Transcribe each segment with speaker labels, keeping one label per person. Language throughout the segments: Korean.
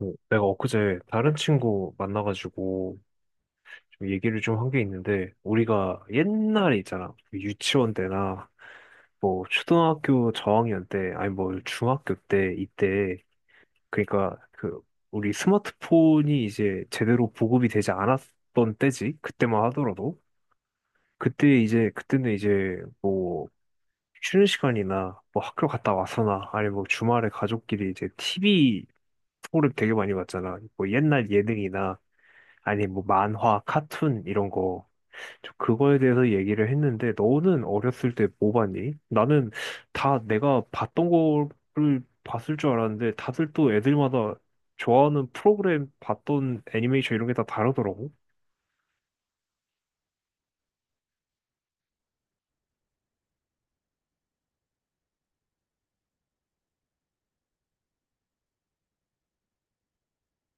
Speaker 1: 내가 엊그제 다른 친구 만나가지고 얘기를 좀 한 게 있는데, 우리가 옛날에 있잖아. 그 유치원 때나, 뭐, 초등학교 저학년 때, 아니 뭐, 중학교 때, 이때, 그러니까 그, 우리 스마트폰이 이제 제대로 보급이 되지 않았던 때지. 그때만 하더라도. 그때는 이제 뭐, 쉬는 시간이나 뭐 학교 갔다 와서나, 아니 뭐 주말에 가족끼리 이제 TV 프로그램 되게 많이 봤잖아. 뭐 옛날 예능이나, 아니, 뭐, 만화, 카툰, 이런 거. 저 그거에 대해서 얘기를 했는데, 너는 어렸을 때 뭐 봤니? 나는 다 내가 봤던 거를 봤을 줄 알았는데, 다들 또 애들마다 좋아하는 프로그램 봤던 애니메이션 이런 게 다 다르더라고.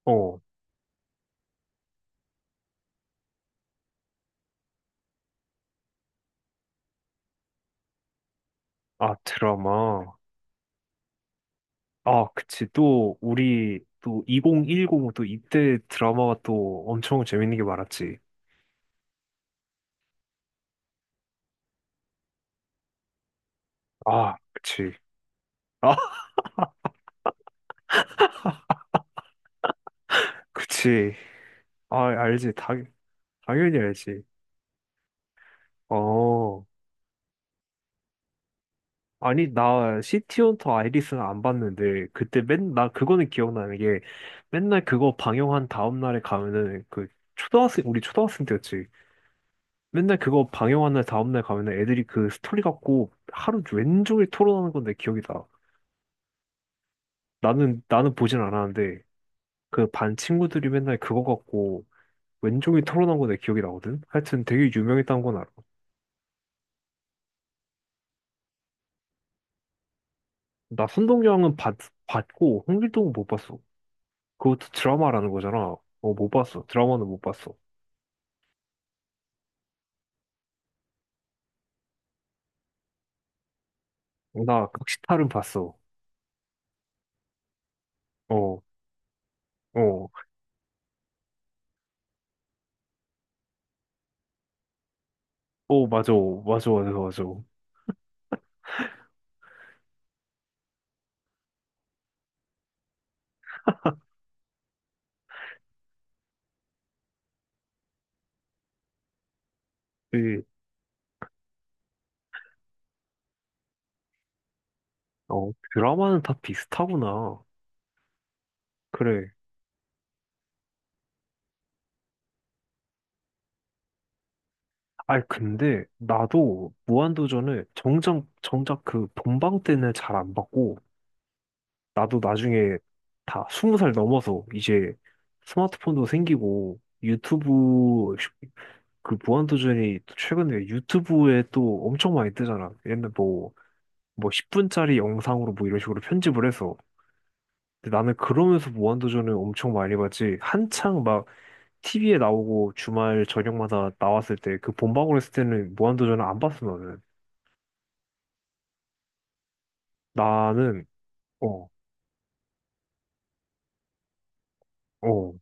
Speaker 1: 어, 아, 드라마. 아, 그치. 또, 우리, 또, 2010, 또, 이때 드라마가 또 엄청 재밌는 게 많았지. 아, 그치. 아, 그치. 아, 알지. 당, 당연히 알지. 어. 아니, 나 시티헌터 아이리스는 안 봤는데, 그때 맨, 나 그거는 기억나는 게, 맨날 그거 방영한 다음날에 가면은, 그, 초등학생, 우리 초등학생 때였지. 맨날 그거 방영한 날 다음날 가면은 애들이 그 스토리 갖고 하루 왼 종일 토론하는 건데 기억이 나. 나는 보진 않았는데, 그 반 친구들이 맨날 그거 갖고 왼종일 토론한 건내 기억이 나거든? 하여튼 되게 유명했다는 건 알아. 나 선동여왕은 봤, 봤고, 홍길동은 못 봤어. 그것도 드라마라는 거잖아. 어, 못 봤어. 드라마는 못 봤어. 어, 나 각시탈은 봤어. 어, 어, 맞아, 맞아, 맞아. 그, 어, 드라마는 다 비슷하구나. 그래. 아니, 근데 나도 무한도전을 정작 그 본방 때는 잘 안 봤고, 나도 나중에 다 스무 살 넘어서 이제 스마트폰도 생기고, 유튜브, 그 무한도전이 또 최근에 유튜브에 또 엄청 많이 뜨잖아. 옛날 뭐, 뭐 10분짜리 영상으로 뭐 이런 식으로 편집을 해서. 근데 나는 그러면서 무한도전을 엄청 많이 봤지. 한창 막 TV에 나오고 주말 저녁마다 나왔을 때 그 본방울 했을 때는 무한도전을 안 봤어 나는. 나는 어, 어,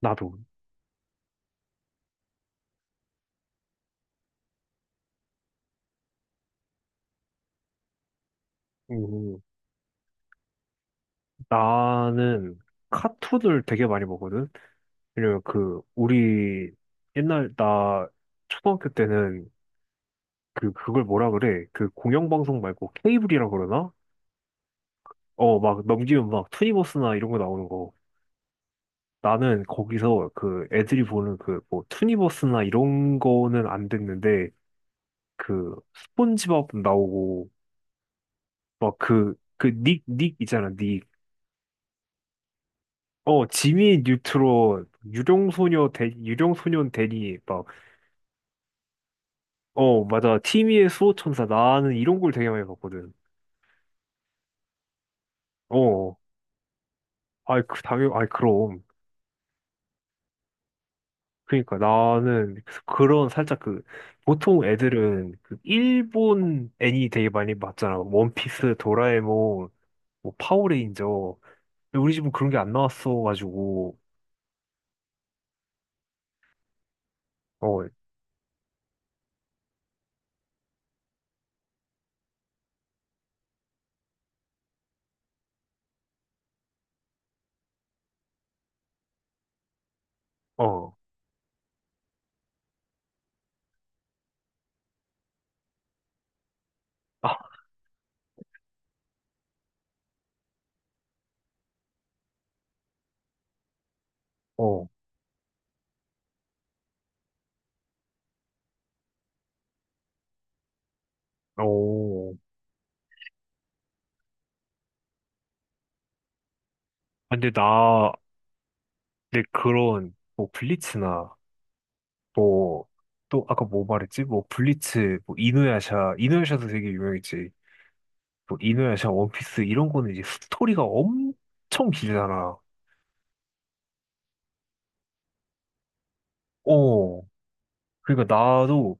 Speaker 1: 나도. 음, 나는 카툰을 되게 많이 보거든. 왜냐면 그 우리 옛날 나 초등학교 때는 그 그걸 뭐라 그래? 그 공영방송 말고 케이블이라 그러나? 어, 막 넘기면 막 투니버스나 이런 거 나오는 거. 나는 거기서 그 애들이 보는 그 뭐 투니버스나 이런 거는 안 됐는데 그 스폰지밥 나오고 막 그 그 닉 있잖아 닉. 어 지미 뉴트론 유령소녀 대 유령소년 대니 막어 맞아 티미의 수호천사 나는 이런 걸 되게 많이 봤거든. 어 어. 아이 그 당연 아이 그럼 그러니까 나는 그런 살짝 그 보통 애들은 그 일본 애니 되게 많이 봤잖아 원피스 도라에몽 뭐 파워레인저. 근데 우리 집은 그런 게 안 나왔어가지고, 어, 어, 아, 어, 어. 근데 나, 내 그런, 뭐, 블리츠나, 뭐, 또, 아까 뭐 말했지? 뭐, 블리츠, 뭐, 이누야샤도 되게 유명했지. 뭐, 이누야샤, 원피스, 이런 거는 이제 스토리가 엄청 길잖아. 어. 그러니까 나도,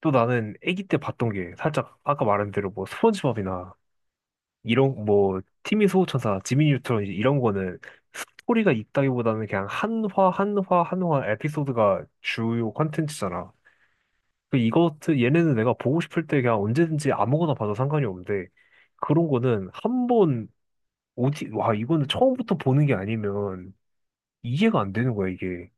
Speaker 1: 또 나는 아기 때 봤던 게, 살짝, 아까 말한 대로 뭐, 스펀지밥이나, 이런 뭐 티미 소호천사, 지미 뉴트론 이제 이런 거는 스토리가 있다기보다는 그냥 한화 에피소드가 주요 컨텐츠잖아. 그 이것 얘네는 내가 보고 싶을 때 그냥 언제든지 아무거나 봐도 상관이 없는데 그런 거는 한 번 오지 와 이거는 처음부터 보는 게 아니면 이해가 안 되는 거야 이게.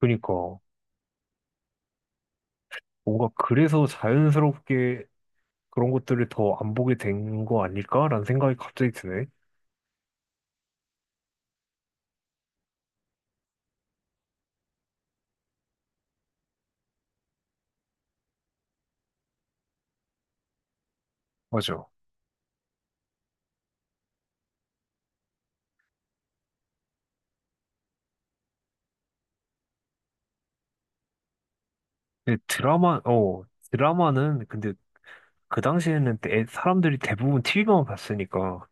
Speaker 1: 그러니까 뭔가 그래서 자연스럽게 그런 것들을 더 안 보게 된 거 아닐까라는 생각이 갑자기 드네. 맞아. 근데 드라마 어 드라마는 근데 그 당시에는 사람들이 대부분 TV만 봤으니까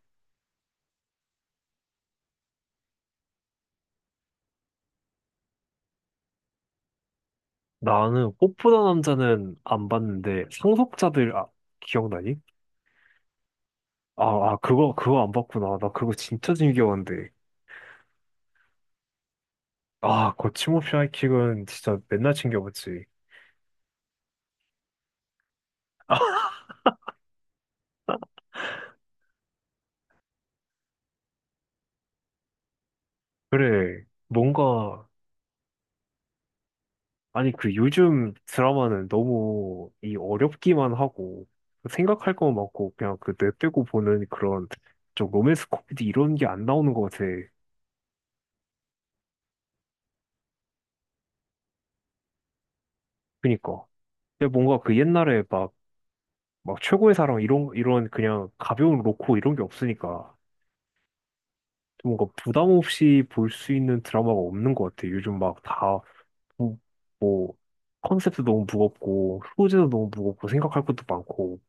Speaker 1: 나는 꽃보다 남자는 안 봤는데 상속자들 아, 기억나니? 아, 아 그거 그거 안 봤구나. 나 그거 진짜 즐겨봤는데. 아 거침없이 하이킥은 진짜 맨날 챙겨봤지. 그래 뭔가 아니 그 요즘 드라마는 너무 이 어렵기만 하고 생각할 거 많고 그냥 그 내빼고 보는 그런 좀 로맨스 코미디 이런 게 안 나오는 것 같아. 그니까. 근데 뭔가 그 옛날에 막 막 최고의 사랑 이런 그냥 가벼운 로코 이런 게 없으니까 좀 뭔가 부담 없이 볼 수 있는 드라마가 없는 것 같아. 요즘 막 다뭐 뭐 컨셉도 너무 무겁고 소재도 너무 무겁고 생각할 것도 많고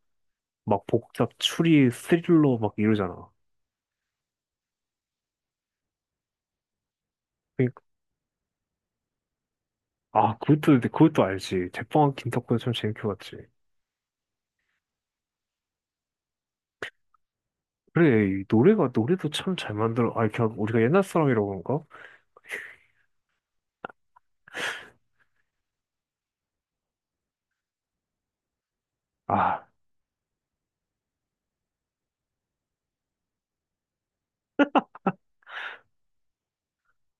Speaker 1: 막 복잡 추리 스릴러 막 이러잖아. 그러니까 아 그것도 근데 그것도 알지. 제빵한 김탁구도 참 재밌게 봤지. 그래 이 노래가 노래도 참 잘 만들어. 아 그냥 우리가 옛날 사람이라고 그런가? 아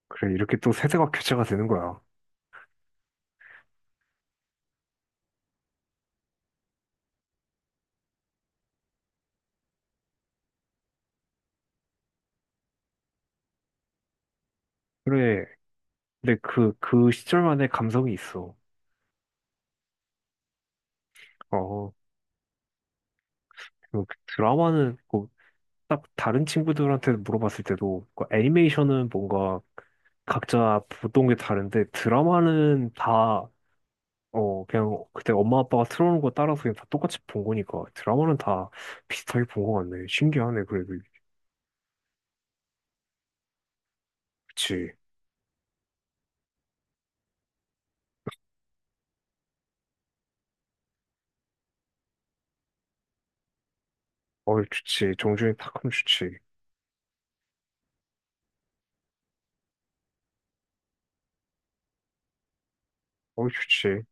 Speaker 1: 그래 이렇게 또 세대가 교체가 되는 거야. 그래 근데 그, 그 시절만의 감성이 있어. 어, 그 드라마는 뭐, 딱 다른 친구들한테 물어봤을 때도 그 애니메이션은 뭔가 각자 보던 게 다른데 드라마는 다, 어, 그냥 그때 엄마 아빠가 틀어놓은 거 따라서 그냥 다 똑같이 본 거니까 드라마는 다 비슷하게 본 거 같네. 신기하네, 그래도. 그치. 어, 좋지. 정준이 탁하면 좋지. 어, 좋지.